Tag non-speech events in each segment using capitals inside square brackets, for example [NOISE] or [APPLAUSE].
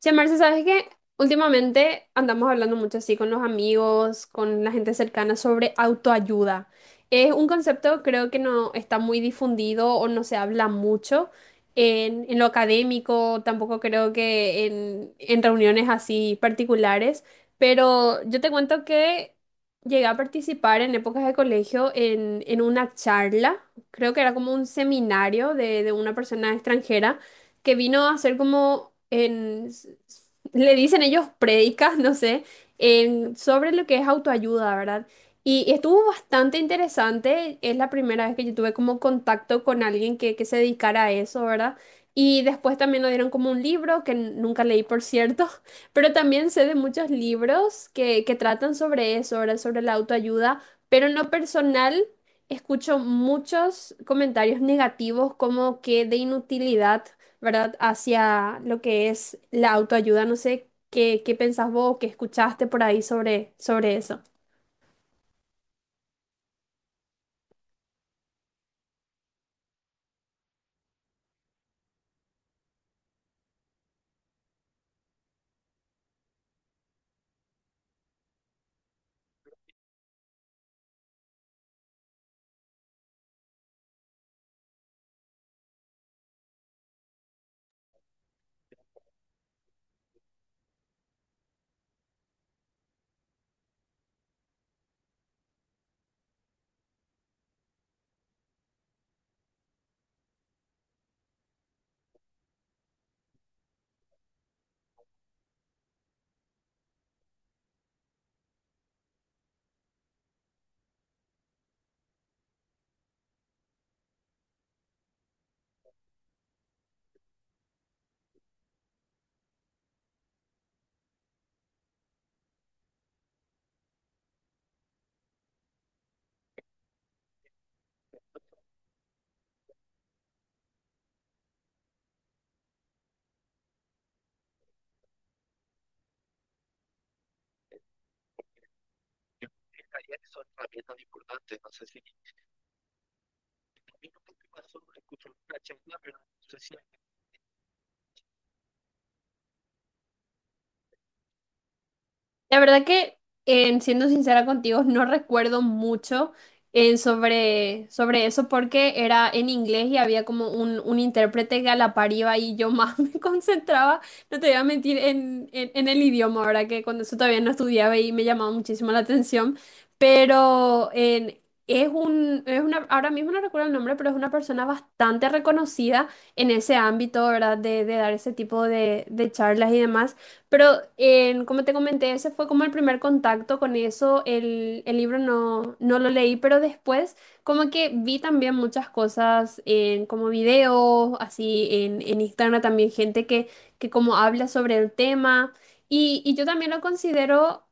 Che, Marce, ¿sabes qué? Últimamente andamos hablando mucho así con los amigos, con la gente cercana sobre autoayuda. Es un concepto creo que no está muy difundido o no se habla mucho en lo académico, tampoco creo que en reuniones así particulares, pero yo te cuento que llegué a participar en épocas de colegio en una charla, creo que era como un seminario de una persona extranjera que vino a hacer como le dicen ellos prédicas, [LAUGHS] no sé, sobre lo que es autoayuda, ¿verdad? Y estuvo bastante interesante, es la primera vez que yo tuve como contacto con alguien que se dedicara a eso, ¿verdad? Y después también nos dieron como un libro que nunca leí, por cierto, [LAUGHS] pero también sé de muchos libros que tratan sobre eso, ¿verdad? Sobre la autoayuda, pero en lo personal escucho muchos comentarios negativos como que de inutilidad. ¿Verdad? Hacia lo que es la autoayuda. No sé qué pensás vos, qué escuchaste por ahí sobre eso. La verdad que, en siendo sincera contigo, no recuerdo mucho en sobre eso porque era en inglés y había como un intérprete que a la par iba y yo más [LAUGHS] me concentraba, no te voy a mentir, en el idioma, ahora que cuando eso todavía no estudiaba y me llamaba muchísimo la atención, pero es una, ahora mismo no recuerdo el nombre, pero es una persona bastante reconocida en ese ámbito, ¿verdad? De dar ese tipo de charlas y demás. Pero como te comenté, ese fue como el primer contacto con eso. El libro no lo leí, pero después como que vi también muchas cosas en como videos, así en Instagram también gente que como habla sobre el tema. Y yo también lo considero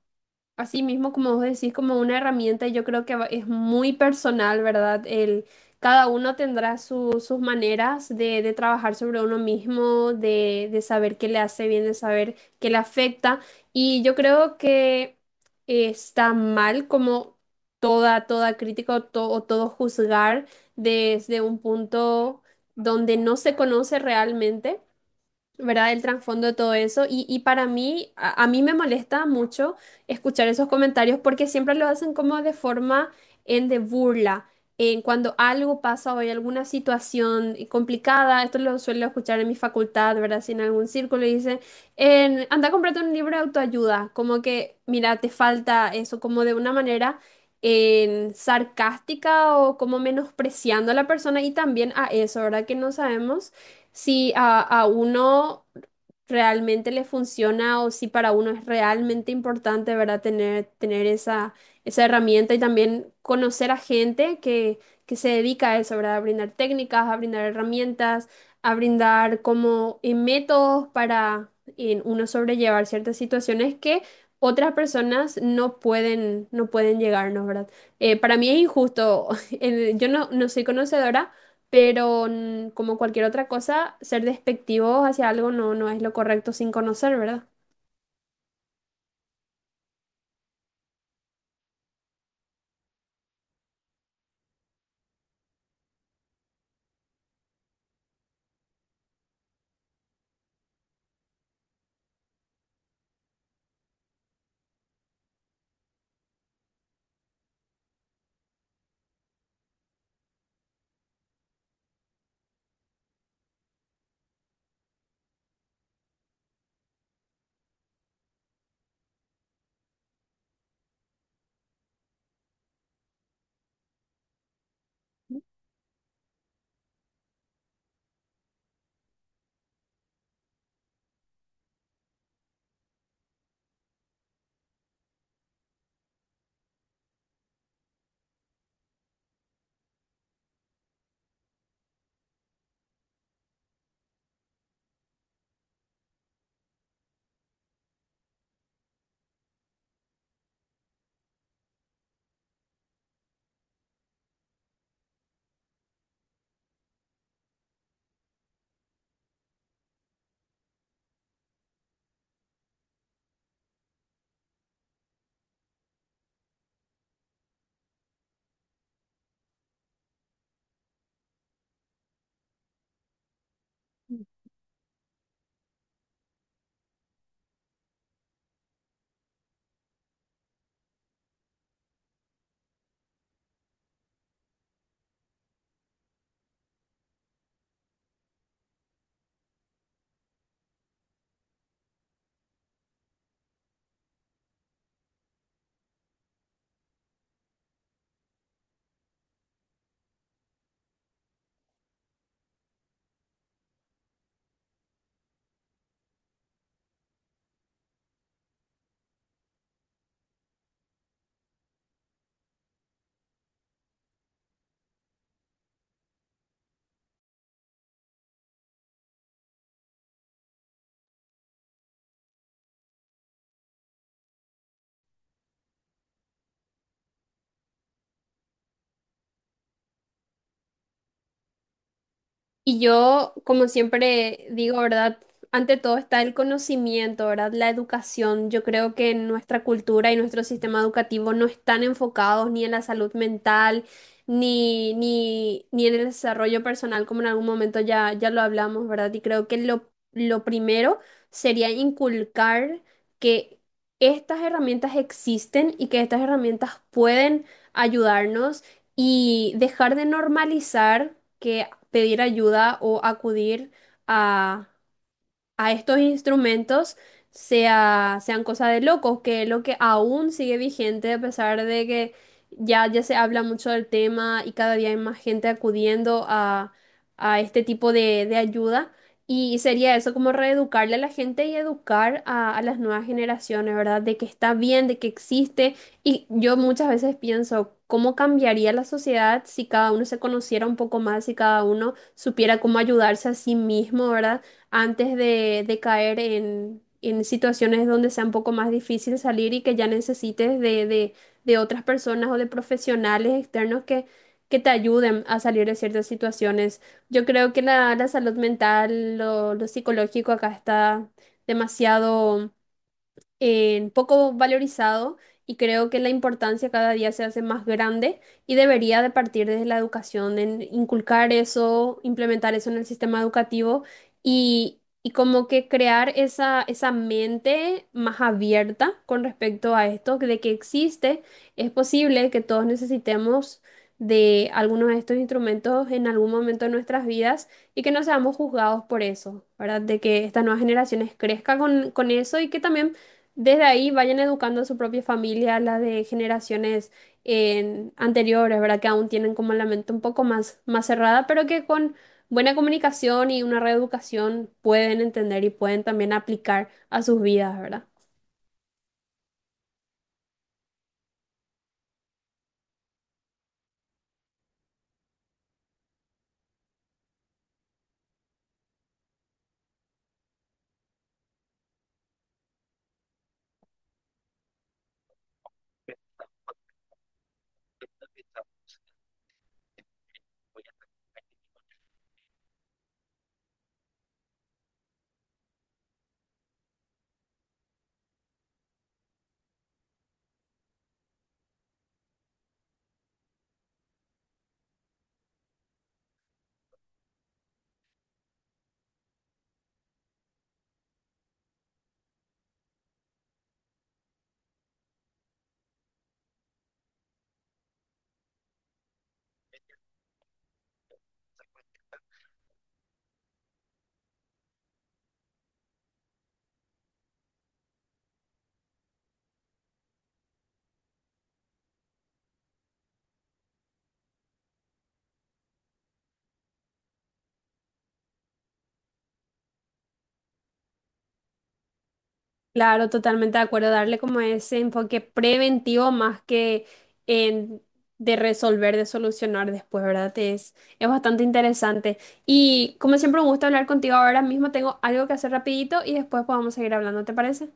así mismo, como vos decís, como una herramienta. Yo creo que es muy personal, ¿verdad? Cada uno tendrá sus maneras de trabajar sobre uno mismo, de saber qué le hace bien, de saber qué le afecta. Y yo creo que está mal como toda crítica o, o todo juzgar desde un punto donde no se conoce realmente. ¿Verdad? El trasfondo de todo eso. Y para mí, a mí me molesta mucho escuchar esos comentarios porque siempre lo hacen como de forma en de burla. En Cuando algo pasa o hay alguna situación complicada, esto lo suelo escuchar en mi facultad, ¿verdad? Si en algún círculo y dicen, anda a comprarte un libro de autoayuda, como que, mira, te falta eso, como de una manera en sarcástica o como menospreciando a la persona y también a eso, ¿verdad? Que no sabemos si a uno realmente le funciona o si para uno es realmente importante, ¿verdad? Tener esa, herramienta y también conocer a gente que se dedica a eso, ¿verdad? A brindar técnicas, a brindar herramientas, a brindar como métodos para uno sobrellevar ciertas situaciones que... Otras personas no pueden llegarnos, ¿verdad? Para mí es injusto. [LAUGHS] Yo no soy conocedora, pero como cualquier otra cosa, ser despectivos hacia algo no es lo correcto sin conocer, ¿verdad? Y yo, como siempre digo, ¿verdad? Ante todo está el conocimiento, ¿verdad? La educación. Yo creo que nuestra cultura y nuestro sistema educativo no están enfocados ni en la salud mental, ni en el desarrollo personal, como en algún momento ya lo hablamos, ¿verdad? Y creo que lo primero sería inculcar que estas herramientas existen y que estas herramientas pueden ayudarnos y dejar de normalizar que pedir ayuda o acudir a a estos instrumentos sean cosas de locos, que es lo que aún sigue vigente a pesar de que ya se habla mucho del tema y cada día hay más gente acudiendo a este tipo de ayuda. Y sería eso como reeducarle a la gente y educar a las nuevas generaciones, ¿verdad? De que está bien, de que existe. Y yo muchas veces pienso, ¿cómo cambiaría la sociedad si cada uno se conociera un poco más, si cada uno supiera cómo ayudarse a sí mismo? ¿Verdad? Antes de caer en situaciones donde sea un poco más difícil salir y que ya necesites de otras personas o de profesionales externos que te ayuden a salir de ciertas situaciones. Yo creo que la salud mental, lo psicológico acá está demasiado en poco valorizado y creo que la importancia cada día se hace más grande y debería de partir desde la educación, en inculcar eso, implementar eso en el sistema educativo y como que crear esa, mente más abierta con respecto a esto, de que existe, es posible que todos necesitemos de algunos de estos instrumentos en algún momento de nuestras vidas y que no seamos juzgados por eso, ¿verdad? De que estas nuevas generaciones crezcan con eso y que también desde ahí vayan educando a su propia familia, la de generaciones anteriores, ¿verdad? Que aún tienen como la mente un poco más cerrada, pero que con buena comunicación y una reeducación pueden entender y pueden también aplicar a sus vidas, ¿verdad? Claro, totalmente de acuerdo, darle como ese enfoque preventivo más que en- de resolver, de solucionar después, ¿verdad? Es bastante interesante. Y como siempre, un gusto hablar contigo. Ahora mismo tengo algo que hacer rapidito y después podemos seguir hablando, ¿te parece?